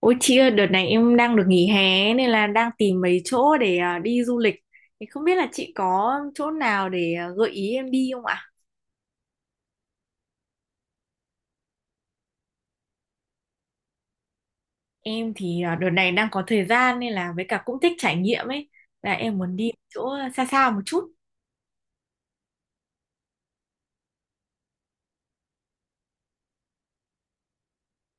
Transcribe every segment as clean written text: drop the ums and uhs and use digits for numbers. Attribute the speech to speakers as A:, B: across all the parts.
A: Ôi chị ơi, đợt này em đang được nghỉ hè nên là đang tìm mấy chỗ để đi du lịch. Thì không biết là chị có chỗ nào để gợi ý em đi không ạ? Em thì đợt này đang có thời gian nên là với cả cũng thích trải nghiệm ấy. Là em muốn đi chỗ xa xa một chút.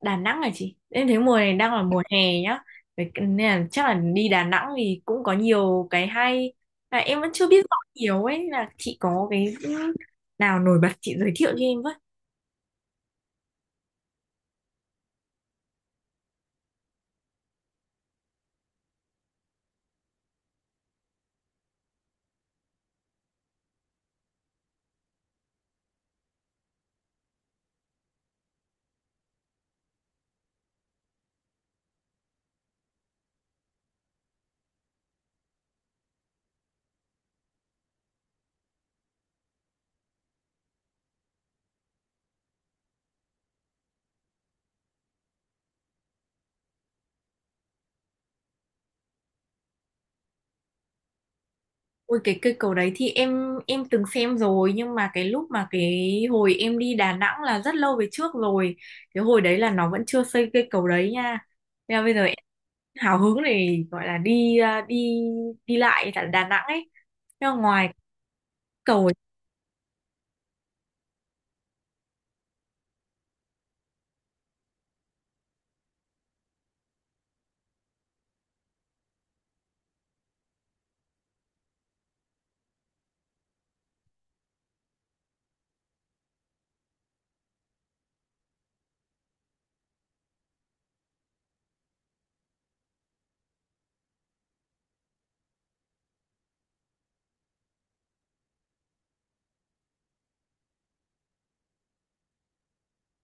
A: Đà Nẵng là chị. Em thấy mùa này đang là mùa hè nhá. Vậy nên là chắc là đi Đà Nẵng thì cũng có nhiều cái hay. Là em vẫn chưa biết rõ nhiều ấy. Là chị có cái nào nổi bật chị giới thiệu cho em với. Ôi cái cây cầu đấy thì em từng xem rồi, nhưng mà cái lúc mà cái hồi em đi Đà Nẵng là rất lâu về trước rồi. Cái hồi đấy là nó vẫn chưa xây cây cầu đấy nha. Nên là bây giờ em hào hứng để gọi là đi đi đi lại tại Đà Nẵng ấy. Nhưng mà ngoài cầu.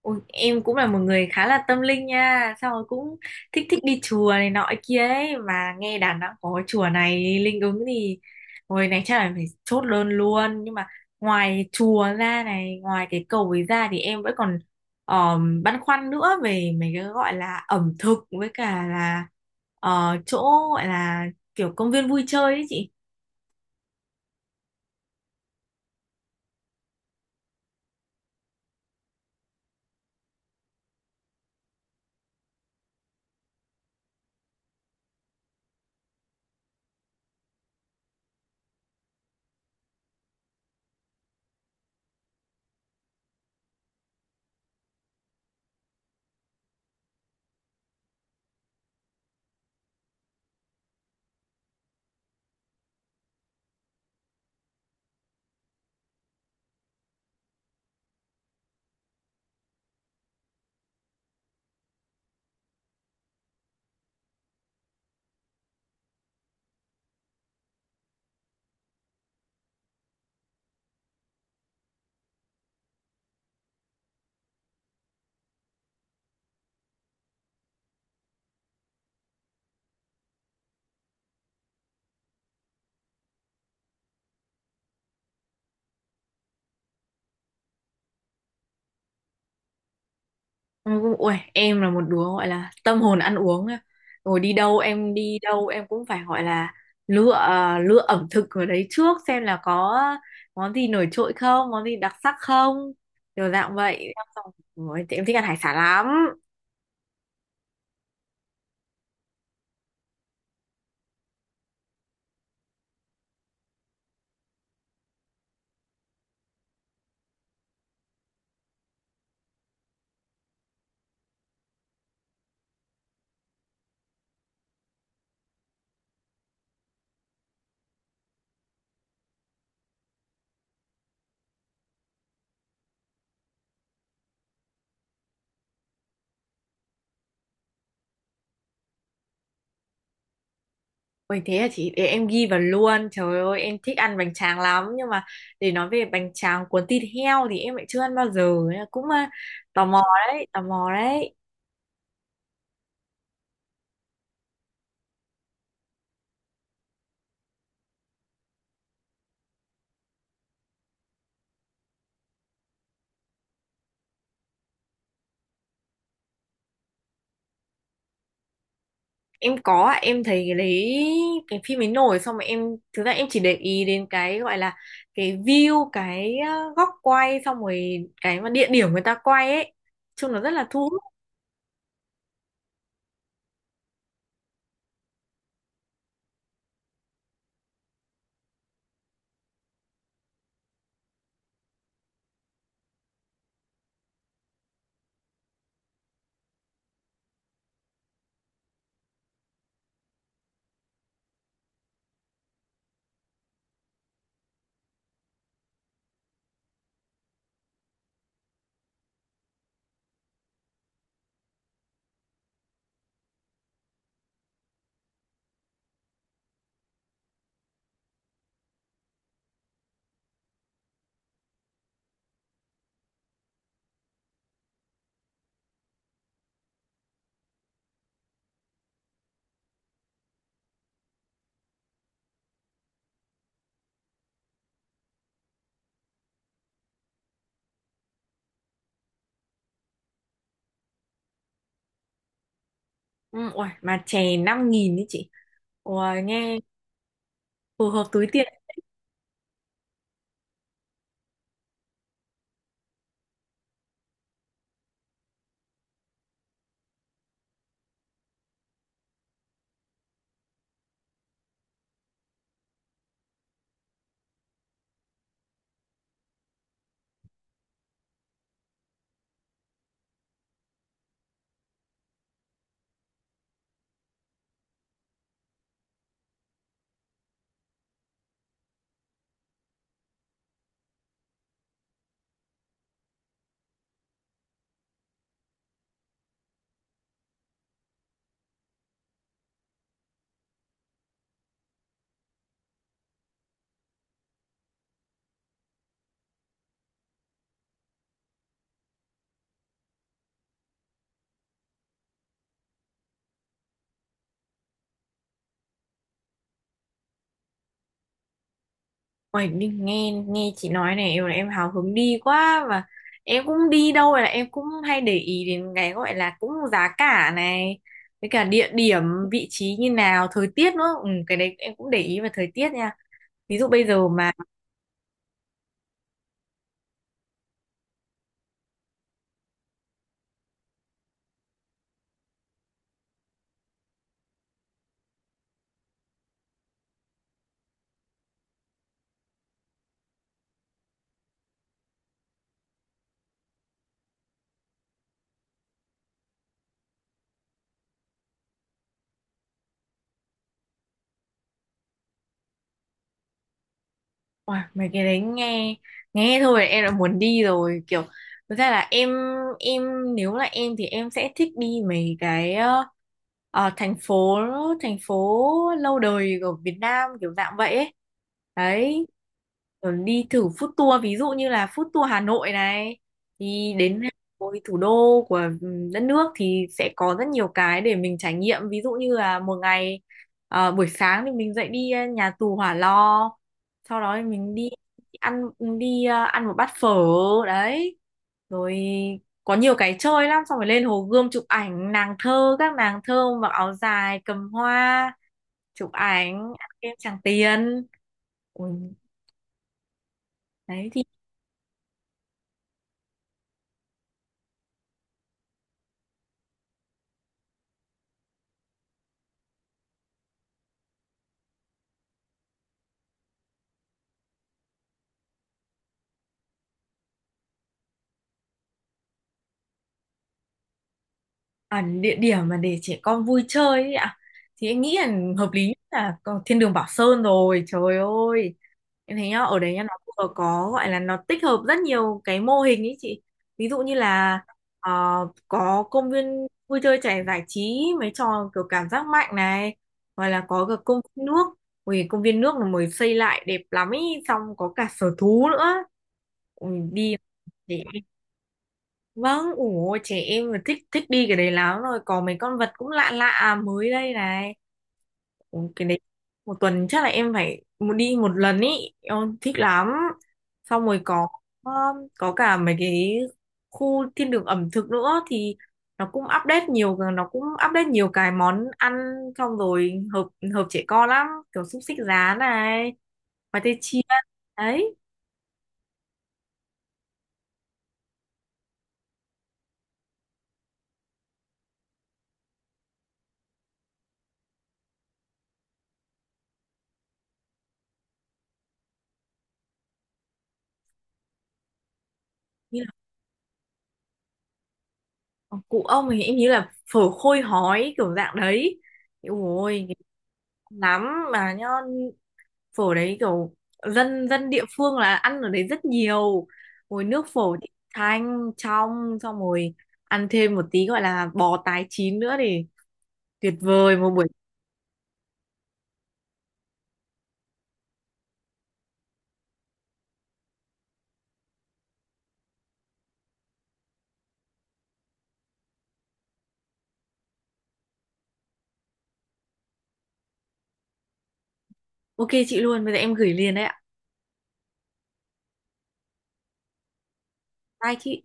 A: Ôi, em cũng là một người khá là tâm linh nha. Xong rồi cũng thích thích đi chùa này nọ kia ấy. Mà nghe Đà Nẵng có chùa này linh ứng thì hồi này chắc là phải chốt đơn luôn. Nhưng mà ngoài chùa ra này, ngoài cái cầu ấy ra, thì em vẫn còn băn khoăn nữa. Về mấy cái gọi là ẩm thực, với cả là chỗ gọi là kiểu công viên vui chơi ấy chị. Ui, em là một đứa gọi là tâm hồn ăn uống á. Rồi đi đâu em cũng phải gọi là lựa lựa ẩm thực ở đấy trước, xem là có món gì nổi trội không, món gì đặc sắc không. Kiểu dạng vậy. Xong rồi, ôi, thì em thích ăn hải sản lắm. Ôi thế là chị để em ghi vào luôn. Trời ơi em thích ăn bánh tráng lắm, nhưng mà để nói về bánh tráng cuốn thịt heo thì em lại chưa ăn bao giờ. Nên là cũng tò mò đấy, tò mò đấy. Em có ạ, em thấy cái đấy, cái phim ấy nổi, xong mà em thực ra em chỉ để ý đến cái gọi là cái view, cái góc quay, xong rồi cái mà địa điểm người ta quay ấy, chung nó rất là thu hút. Ừ, uầy, mà chè 5.000 đấy chị. Uầy, nghe phù hợp túi tiền. Uầy, nghe nghe chị nói này, em hào hứng đi quá. Và em cũng đi đâu là em cũng hay để ý đến cái gọi là cũng giá cả này, với cả địa điểm, vị trí như nào, thời tiết nữa. Ừ, cái đấy em cũng để ý về thời tiết nha. Ví dụ bây giờ mà. Ôi, mấy cái đấy nghe nghe thôi em đã muốn đi rồi, kiểu thực ra là em nếu là em thì em sẽ thích đi mấy cái ờ, thành phố thành phố lâu đời của Việt Nam kiểu dạng vậy ấy đấy. Rồi đi thử food tour, ví dụ như là food tour Hà Nội này, thì đến với thủ đô của đất nước thì sẽ có rất nhiều cái để mình trải nghiệm. Ví dụ như là một ngày buổi sáng thì mình dậy đi nhà tù Hỏa Lò, sau đó thì mình ăn đi ăn một bát phở đấy, rồi có nhiều cái chơi lắm, xong rồi lên Hồ Gươm chụp ảnh nàng thơ, các nàng thơ mặc áo dài cầm hoa chụp ảnh, ăn kem Tràng Tiền. Ui, đấy thì. À, địa điểm mà để trẻ con vui chơi ấy ạ, thì em nghĩ là hợp lý nhất là có thiên đường Bảo Sơn. Rồi trời ơi, em thấy nhá, ở đấy nhá, nó vừa có gọi là nó tích hợp rất nhiều cái mô hình ấy chị. Ví dụ như là ờ, có công viên vui chơi trẻ giải trí, mấy trò kiểu cảm giác mạnh này, hoặc là có cả công viên nước. Ui, công viên nước là mới xây lại đẹp lắm ý, xong có cả sở thú nữa. Ui, đi để. Vâng, ủa trẻ em là thích thích đi cái đấy lắm, rồi có mấy con vật cũng lạ lạ mới đây này. Ủa, cái đấy một tuần chắc là em phải một đi một lần ý, em thích lắm. Xong rồi um, có cả mấy cái khu thiên đường ẩm thực nữa, thì nó cũng update nhiều cái món ăn, xong rồi hợp hợp trẻ con lắm, kiểu xúc xích rán này, khoai tây chiên. Đấy. Ờ, cụ ông thì em nghĩ là phở khôi hói kiểu dạng đấy. Ôi cái lắm mà nhá, phở đấy kiểu dân dân địa phương là ăn ở đấy rất nhiều, rồi nước phở thì thanh trong, xong rồi ăn thêm một tí gọi là bò tái chín nữa thì tuyệt vời một buổi. Ok chị luôn, bây giờ em gửi liền đấy ạ. Bye chị.